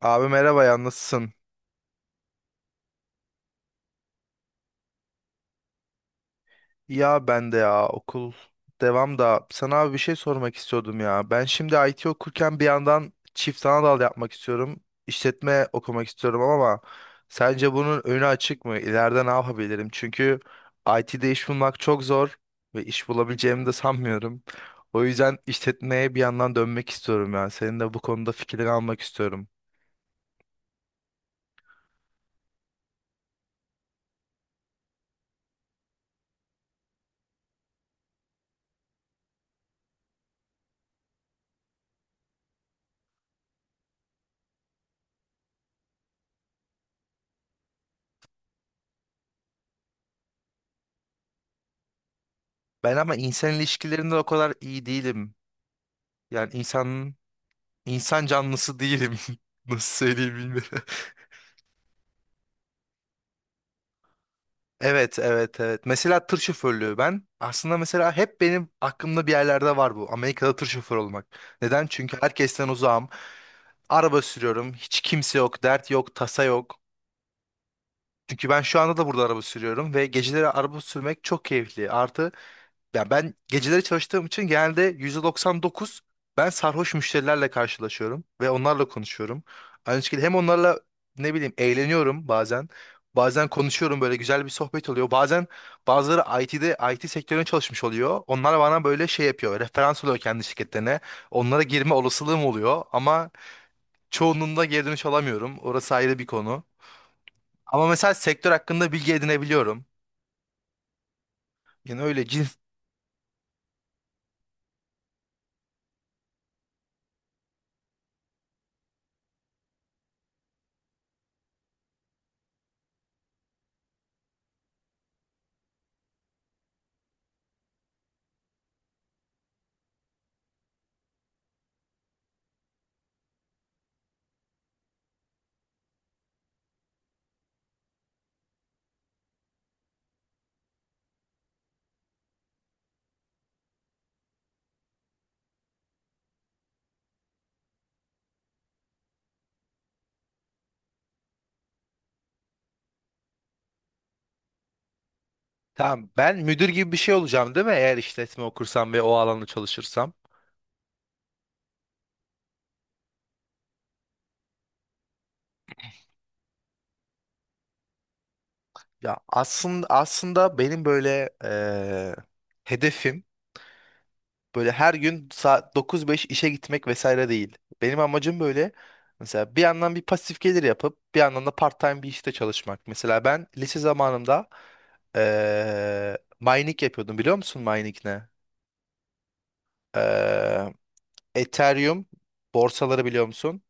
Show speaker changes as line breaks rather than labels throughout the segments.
Abi merhaba ya, nasılsın? Ya ben de ya, okul devam da sana abi bir şey sormak istiyordum ya. Ben şimdi IT okurken bir yandan çift ana dal yapmak istiyorum. İşletme okumak istiyorum ama sence bunun önü açık mı? İleride ne yapabilirim? Çünkü IT'de iş bulmak çok zor ve iş bulabileceğimi de sanmıyorum. O yüzden işletmeye bir yandan dönmek istiyorum ya. Senin de bu konuda fikrini almak istiyorum. Ben ama insan ilişkilerinde o kadar iyi değilim. Yani insan canlısı değilim. Nasıl söyleyeyim bilmiyorum. Evet, evet, evet. Mesela tır şoförlüğü ben aslında mesela hep benim aklımda bir yerlerde var bu. Amerika'da tır şoförü olmak. Neden? Çünkü herkesten uzağım. Araba sürüyorum. Hiç kimse yok, dert yok, tasa yok. Çünkü ben şu anda da burada araba sürüyorum ve geceleri araba sürmek çok keyifli. Artı ya, ben geceleri çalıştığım için genelde %99 ben sarhoş müşterilerle karşılaşıyorum ve onlarla konuşuyorum. Aynı şekilde hem onlarla ne bileyim eğleniyorum bazen. Bazen konuşuyorum, böyle güzel bir sohbet oluyor. Bazen bazıları IT sektörüne çalışmış oluyor. Onlar bana böyle şey yapıyor. Referans oluyor kendi şirketlerine. Onlara girme olasılığım oluyor ama çoğunluğunda geri dönüş alamıyorum. Orası ayrı bir konu. Ama mesela sektör hakkında bilgi edinebiliyorum. Yani öyle cins... Tamam, ben müdür gibi bir şey olacağım değil mi? Eğer işletme okursam ve o alanda çalışırsam. Ya, aslında benim böyle hedefim böyle her gün saat 9-5 işe gitmek vesaire değil. Benim amacım böyle mesela bir yandan bir pasif gelir yapıp bir yandan da part-time bir işte çalışmak. Mesela ben lise zamanımda mining yapıyordum, biliyor musun mining ne? Eee, Ethereum borsaları biliyor musun?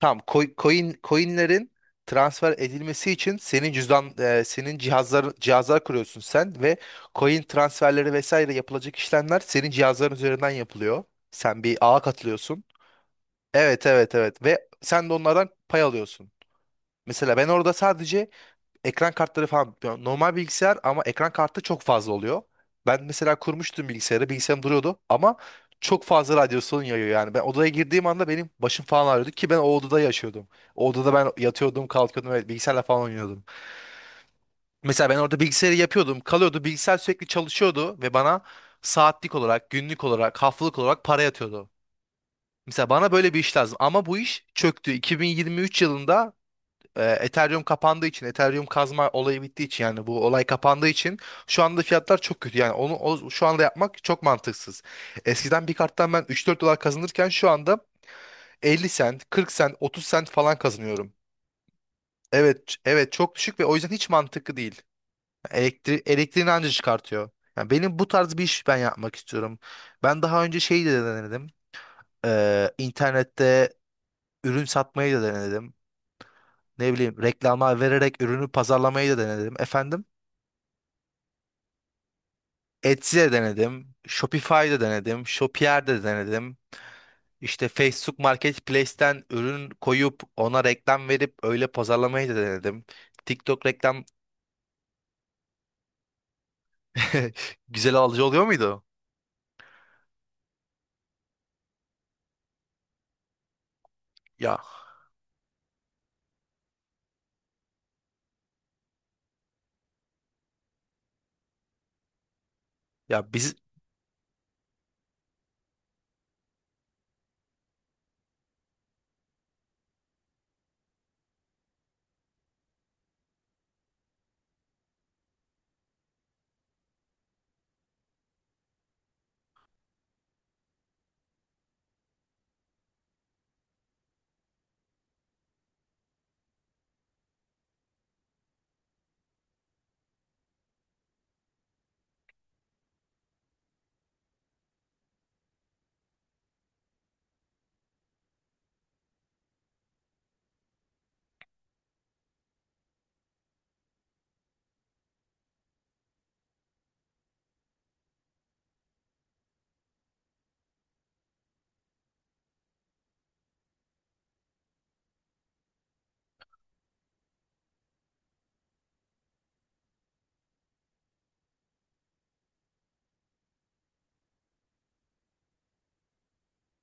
Tamam, coinlerin transfer edilmesi için senin senin cihazlar kuruyorsun sen ve coin transferleri vesaire yapılacak işlemler senin cihazların üzerinden yapılıyor. Sen bir ağa katılıyorsun. Evet evet evet, ve sen de onlardan pay alıyorsun. Mesela ben orada sadece ekran kartları falan, yani normal bilgisayar ama ekran kartı çok fazla oluyor. Ben mesela kurmuştum bilgisayarı, bilgisayarım duruyordu ama çok fazla radyasyon yayıyor yani. Ben odaya girdiğim anda benim başım falan ağrıyordu ki ben o odada yaşıyordum. O odada ben yatıyordum, kalkıyordum ve bilgisayarla falan oynuyordum. Mesela ben orada bilgisayarı yapıyordum, kalıyordu, bilgisayar sürekli çalışıyordu ve bana saatlik olarak, günlük olarak, haftalık olarak para yatıyordu. Mesela bana böyle bir iş lazım ama bu iş çöktü. 2023 yılında Ethereum kapandığı için, Ethereum kazma olayı bittiği için, yani bu olay kapandığı için şu anda fiyatlar çok kötü. Yani şu anda yapmak çok mantıksız. Eskiden bir karttan ben 3-4 dolar kazanırken şu anda 50 sent, 40 sent, 30 sent falan kazanıyorum. Evet, evet, çok düşük ve o yüzden hiç mantıklı değil. Elektriğini anca çıkartıyor. Yani benim bu tarz bir iş ben yapmak istiyorum. Ben daha önce şeyi de denedim. İnternette ürün satmayı da denedim. Ne bileyim reklama vererek ürünü pazarlamayı da denedim. Efendim? Etsy'de denedim. Shopify'da denedim. Shopier'de denedim. İşte Facebook Marketplace'ten ürün koyup ona reklam verip öyle pazarlamayı da denedim. TikTok reklam. Güzel alıcı oluyor muydu? Ya, ya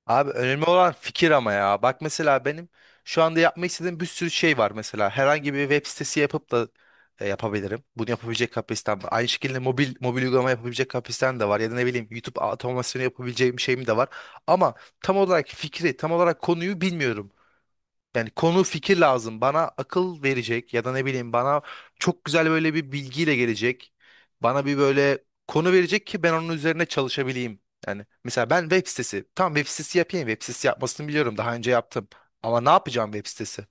abi, önemli olan fikir ama ya. Bak mesela benim şu anda yapmak istediğim bir sürü şey var mesela. Herhangi bir web sitesi yapıp da yapabilirim. Bunu yapabilecek kapasitem var. Aynı şekilde mobil uygulama yapabilecek kapasitem de var. Ya da ne bileyim YouTube otomasyonu yapabileceğim şeyim de var. Ama tam olarak fikri, tam olarak konuyu bilmiyorum. Yani konu fikir lazım. Bana akıl verecek ya da ne bileyim bana çok güzel böyle bir bilgiyle gelecek. Bana bir böyle konu verecek ki ben onun üzerine çalışabileyim. Yani mesela ben web sitesi. Tamam, web sitesi yapayım. Web sitesi yapmasını biliyorum. Daha önce yaptım. Ama ne yapacağım web sitesi?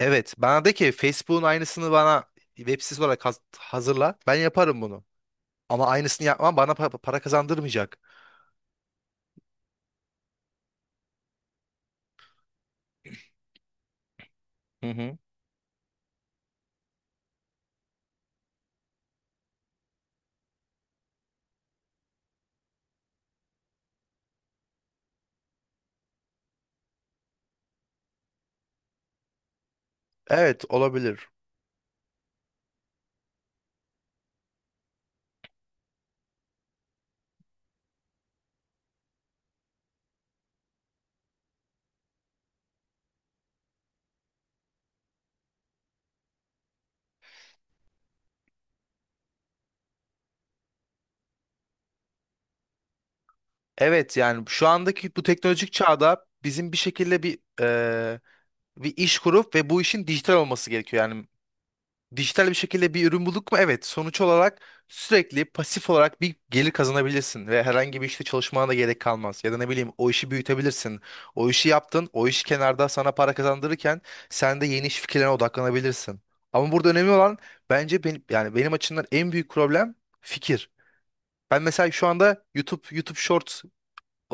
Evet bana de ki Facebook'un aynısını bana web sitesi olarak hazırla. Ben yaparım bunu. Ama aynısını yapmam bana para kazandırmayacak. Hı hı. Evet, olabilir. Evet yani şu andaki bu teknolojik çağda bizim bir şekilde bir iş kurup ve bu işin dijital olması gerekiyor. Yani dijital bir şekilde bir ürün bulduk mu? Evet. Sonuç olarak sürekli pasif olarak bir gelir kazanabilirsin ve herhangi bir işte çalışmana da gerek kalmaz. Ya da ne bileyim o işi büyütebilirsin. O işi yaptın, o iş kenarda sana para kazandırırken sen de yeni iş fikirlerine odaklanabilirsin. Ama burada önemli olan, bence benim yani benim açımdan en büyük problem fikir. Ben mesela şu anda YouTube Shorts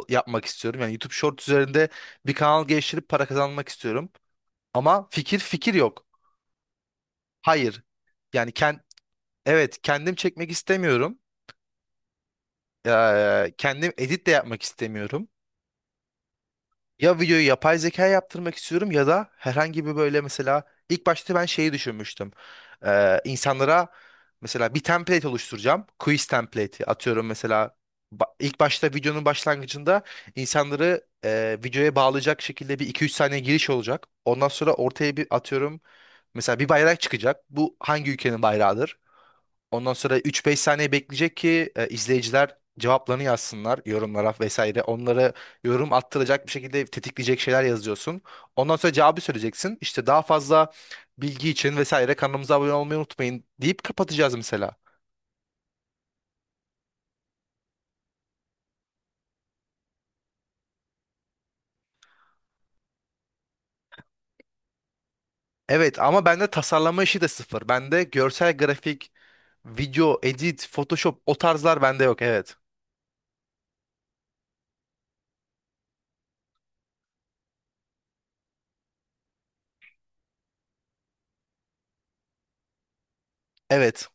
yapmak istiyorum. Yani YouTube Shorts üzerinde bir kanal geliştirip para kazanmak istiyorum. Ama fikir yok. Hayır. Yani evet kendim çekmek istemiyorum. Kendim edit de yapmak istemiyorum. Ya videoyu yapay zeka yaptırmak istiyorum ya da herhangi bir böyle mesela ilk başta ben şeyi düşünmüştüm. İnsanlara mesela bir template oluşturacağım. Quiz template'i atıyorum mesela ilk başta videonun başlangıcında insanları videoya bağlayacak şekilde bir iki üç saniye giriş olacak. Ondan sonra ortaya bir atıyorum mesela bir bayrak çıkacak. Bu hangi ülkenin bayrağıdır? Ondan sonra üç beş saniye bekleyecek ki izleyiciler cevaplarını yazsınlar yorumlara vesaire. Onları yorum attıracak bir şekilde tetikleyecek şeyler yazıyorsun. Ondan sonra cevabı söyleyeceksin. İşte daha fazla bilgi için vesaire kanalımıza abone olmayı unutmayın deyip kapatacağız mesela. Evet ama bende tasarlama işi de sıfır. Bende görsel grafik, video, edit, Photoshop, o tarzlar bende yok. Evet. Evet.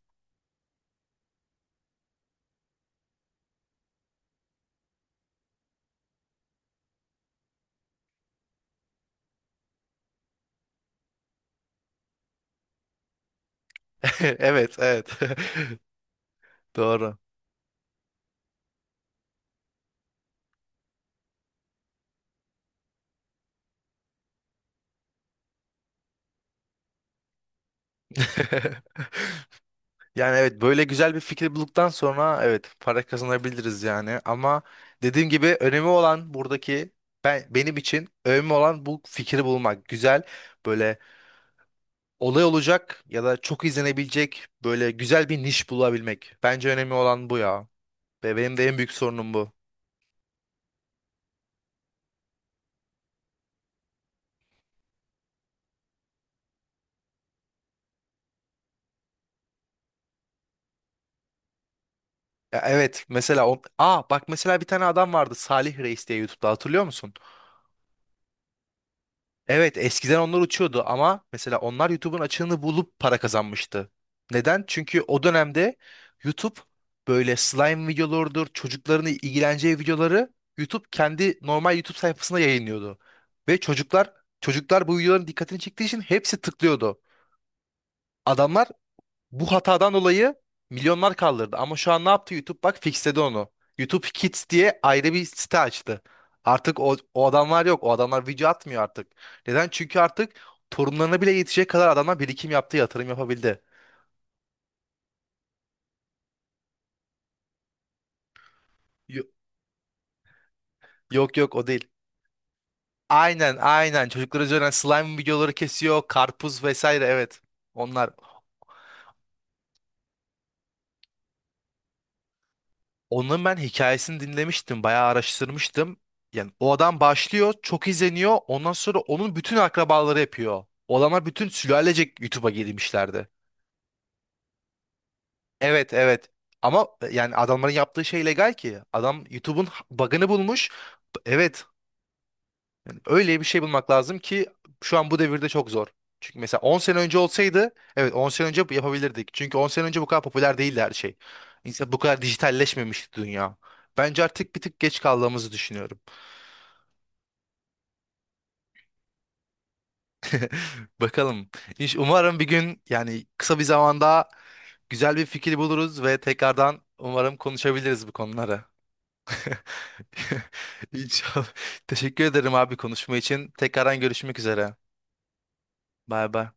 Evet, evet. Doğru. Yani evet, böyle güzel bir fikir bulduktan sonra evet para kazanabiliriz yani ama dediğim gibi önemi olan buradaki, benim için önemli olan bu fikri bulmak. Güzel böyle olay olacak ya da çok izlenebilecek böyle güzel bir niş bulabilmek. Bence önemli olan bu ya. Ve benim de en büyük sorunum bu. Ya evet, mesela o... Aa, bak mesela bir tane adam vardı, Salih Reis diye, YouTube'da hatırlıyor musun? Evet, eskiden onlar uçuyordu ama mesela onlar YouTube'un açığını bulup para kazanmıştı. Neden? Çünkü o dönemde YouTube böyle slime videolarıdır, çocukların ilgileneceği videoları YouTube kendi normal YouTube sayfasında yayınlıyordu. Ve çocuklar bu videoların dikkatini çektiği için hepsi tıklıyordu. Adamlar bu hatadan dolayı milyonlar kaldırdı. Ama şu an ne yaptı YouTube? Bak, fixledi onu. YouTube Kids diye ayrı bir site açtı. Artık o, o adamlar yok. O adamlar video atmıyor artık. Neden? Çünkü artık torunlarına bile yetecek kadar adamlar birikim yaptı, yatırım yapabildi. Yo- Yok yok, o değil. Aynen aynen. Çocuklar üzerinden slime videoları kesiyor. Karpuz vesaire, evet. Onlar. Onun ben hikayesini dinlemiştim, bayağı araştırmıştım. Yani o adam başlıyor, çok izleniyor. Ondan sonra onun bütün akrabaları yapıyor. O bütün sülalecek YouTube'a girmişlerdi. Evet, evet. Ama yani adamların yaptığı şey legal ki. Adam YouTube'un bug'ını bulmuş. Evet. Yani öyle bir şey bulmak lazım ki şu an bu devirde çok zor. Çünkü mesela 10 sene önce olsaydı, evet 10 sene önce yapabilirdik. Çünkü 10 sene önce bu kadar popüler değildi her şey. İnsan bu kadar dijitalleşmemişti dünya. Bence artık bir tık geç kaldığımızı düşünüyorum. Bakalım. İş umarım bir gün, yani kısa bir zamanda güzel bir fikir buluruz ve tekrardan umarım konuşabiliriz bu konuları. İnşallah. Teşekkür ederim abi konuşma için. Tekrardan görüşmek üzere. Bay bay.